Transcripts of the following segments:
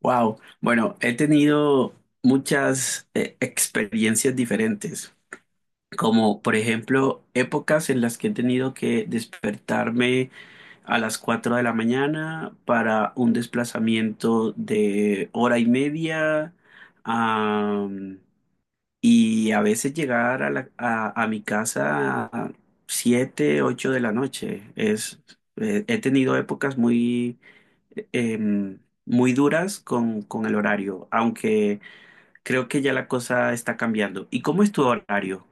Wow. Bueno, he tenido muchas experiencias diferentes, como por ejemplo épocas en las que he tenido que despertarme a las 4 de la mañana para un desplazamiento de hora y media, am, y a veces llegar a mi casa a 7, 8 de la noche. He tenido épocas muy em, muy duras con el horario, aunque creo que ya la cosa está cambiando. ¿Y cómo es tu horario?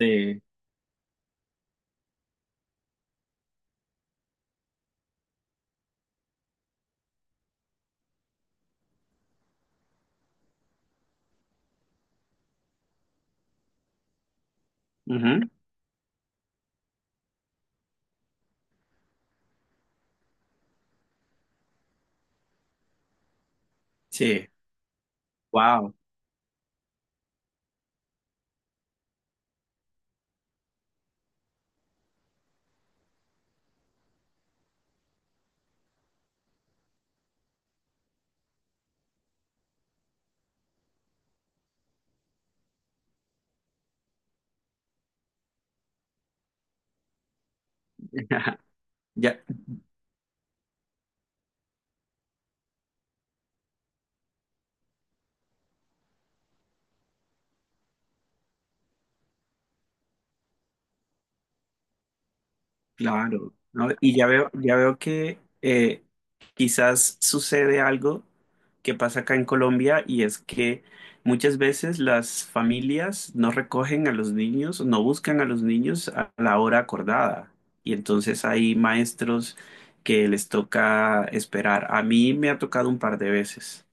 Eh, Ujú. Sí. Wow. Ya. Claro, ¿no? Y ya veo que quizás sucede algo que pasa acá en Colombia y es que muchas veces las familias no recogen a los niños, no buscan a los niños a la hora acordada. Y entonces hay maestros que les toca esperar. A mí me ha tocado un par de veces.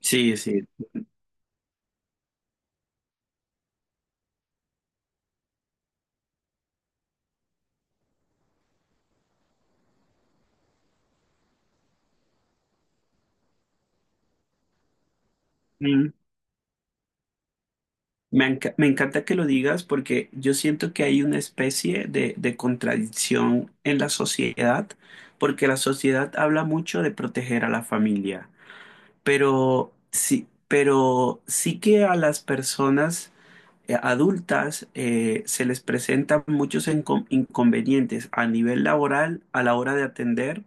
Sí, sí. Me encanta que lo digas porque yo siento que hay una especie de contradicción en la sociedad, porque la sociedad habla mucho de proteger a la familia, pero sí que a las personas adultas se les presentan muchos inconvenientes a nivel laboral a la hora de atender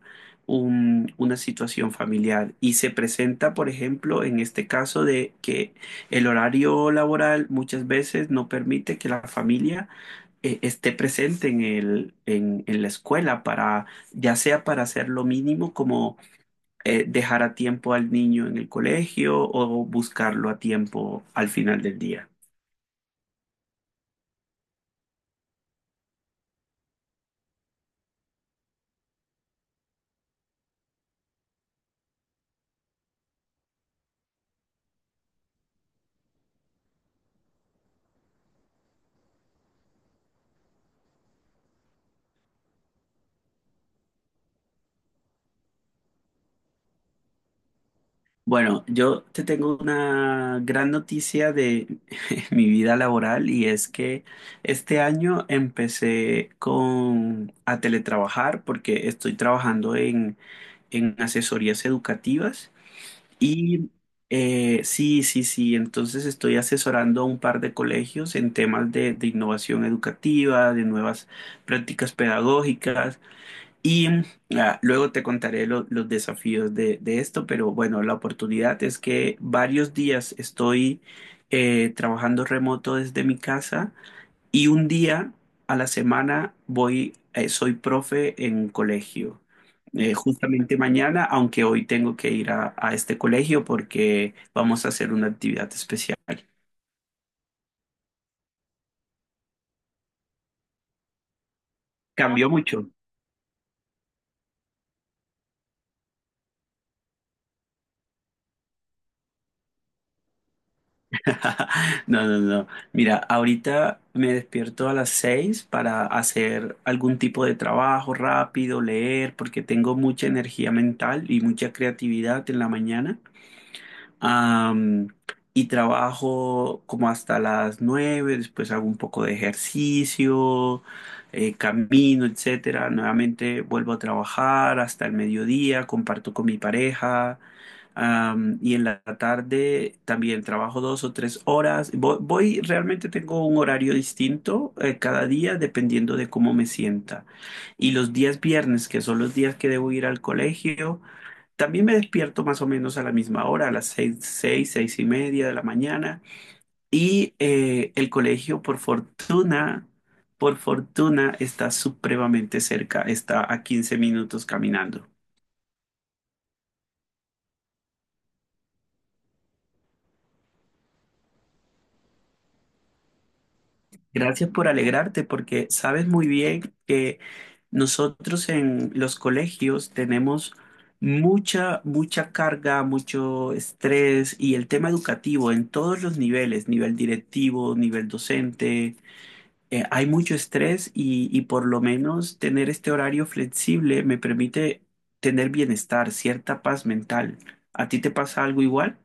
una situación familiar. Y se presenta, por ejemplo, en este caso de que el horario laboral muchas veces no permite que la familia esté presente en la escuela para, ya sea para hacer lo mínimo como dejar a tiempo al niño en el colegio o buscarlo a tiempo al final del día. Bueno, yo te tengo una gran noticia de mi vida laboral y es que este año empecé con a teletrabajar porque estoy trabajando en asesorías educativas y sí, sí, sí, entonces estoy asesorando a un par de colegios en temas de innovación educativa, de nuevas prácticas pedagógicas. Y luego te contaré los desafíos de esto, pero bueno, la oportunidad es que varios días estoy trabajando remoto desde mi casa y un día a la semana soy profe en colegio. Justamente mañana, aunque hoy tengo que ir a este colegio porque vamos a hacer una actividad especial. Cambió mucho. No, no, no. Mira, ahorita me despierto a las 6 para hacer algún tipo de trabajo rápido, leer, porque tengo mucha energía mental y mucha creatividad en la mañana. Am, y trabajo como hasta las 9 después hago un poco de ejercicio, camino, etcétera. Nuevamente vuelvo a trabajar hasta el mediodía, comparto con mi pareja. Y en la tarde también trabajo 2 o 3 horas. Realmente tengo un horario distinto cada día dependiendo de cómo me sienta. Y los días viernes, que son los días que debo ir al colegio, también me despierto más o menos a la misma hora, a las seis, seis, seis y media de la mañana. Y el colegio, por fortuna, está supremamente cerca, está a 15 minutos caminando. Gracias por alegrarte, porque sabes muy bien que nosotros en los colegios tenemos mucha, mucha carga, mucho estrés y el tema educativo en todos los niveles, nivel directivo, nivel docente hay mucho estrés y por lo menos tener este horario flexible me permite tener bienestar, cierta paz mental. ¿A ti te pasa algo igual?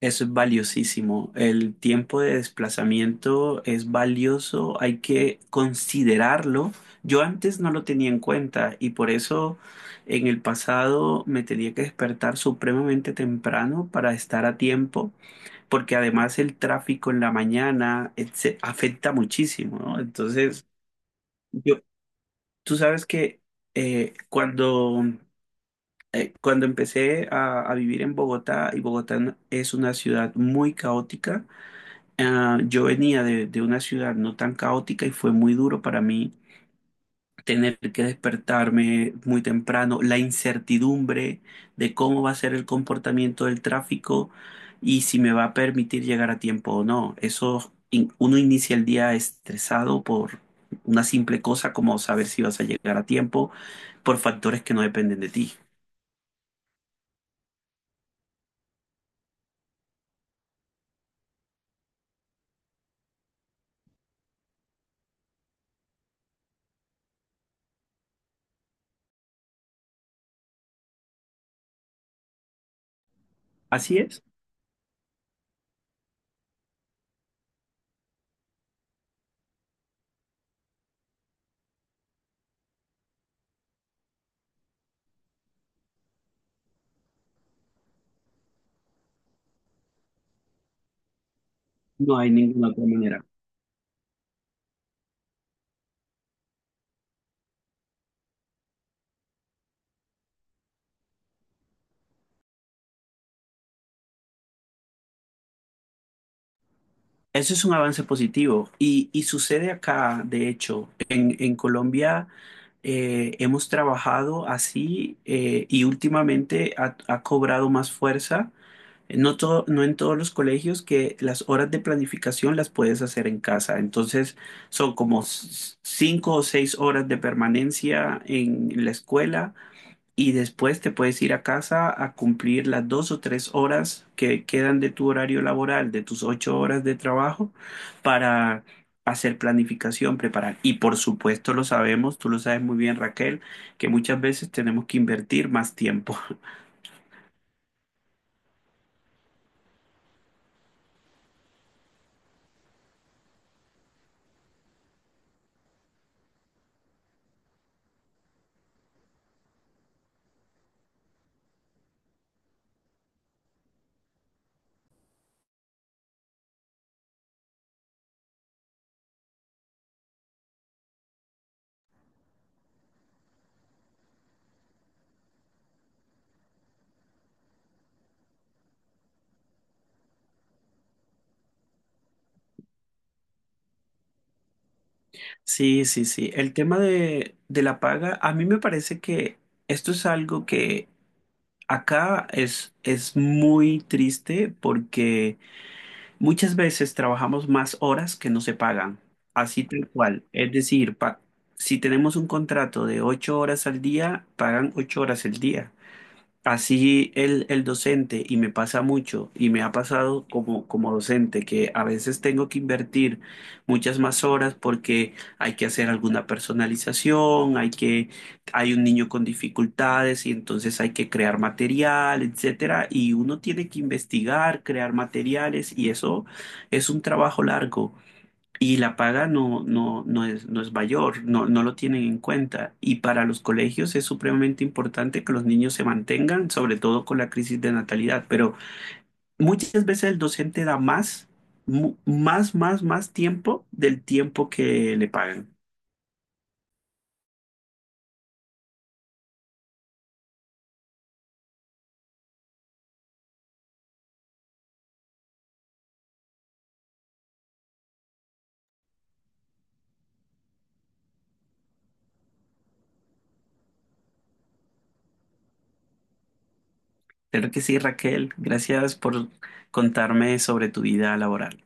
Eso es valiosísimo. El tiempo de desplazamiento es valioso, hay que considerarlo. Yo antes no lo tenía en cuenta y por eso en el pasado me tenía que despertar supremamente temprano para estar a tiempo porque además el tráfico en la mañana afecta muchísimo, ¿no? Entonces, Yo, tú sabes que cuando, cuando empecé a vivir en Bogotá, y Bogotá es una ciudad muy caótica, yo venía de una ciudad no tan caótica y fue muy duro para mí tener que despertarme muy temprano, la incertidumbre de cómo va a ser el comportamiento del tráfico y si me va a permitir llegar a tiempo o no. Uno inicia el día estresado por una simple cosa como saber si vas a llegar a tiempo por factores que no dependen de ti. Así es, no hay ninguna otra manera. Eso es un avance positivo y sucede acá, de hecho, en Colombia hemos trabajado así y últimamente ha cobrado más fuerza. No, no en todos los colegios que las horas de planificación las puedes hacer en casa. Entonces son como 5 o 6 horas de permanencia en la escuela y después te puedes ir a casa a cumplir las 2 o 3 horas que quedan de tu horario laboral, de tus 8 horas de trabajo, para hacer planificación, preparar. Y por supuesto lo sabemos, tú lo sabes muy bien, Raquel, que muchas veces tenemos que invertir más tiempo. Sí, sí, sí. El tema de la paga, a mí me parece que esto es algo que acá es muy triste porque... Muchas veces trabajamos más horas que no se pagan, así tal cual. Es decir, si tenemos un contrato de 8 horas al día, pagan 8 horas el día. Así el docente, y me pasa mucho, y me ha pasado como docente, que a veces tengo que invertir muchas más horas porque hay que hacer alguna personalización, hay un niño con dificultades y entonces hay que crear material, etcétera, y uno tiene que investigar, crear materiales, y eso es un trabajo largo y la paga no es mayor, no lo tienen en cuenta. Y para los colegios es supremamente importante que los niños se mantengan, sobre todo con la crisis de natalidad. Pero muchas veces el docente da más, más, más tiempo del tiempo que le pagan. Creo que sí, Raquel. Gracias por contarme sobre tu vida laboral.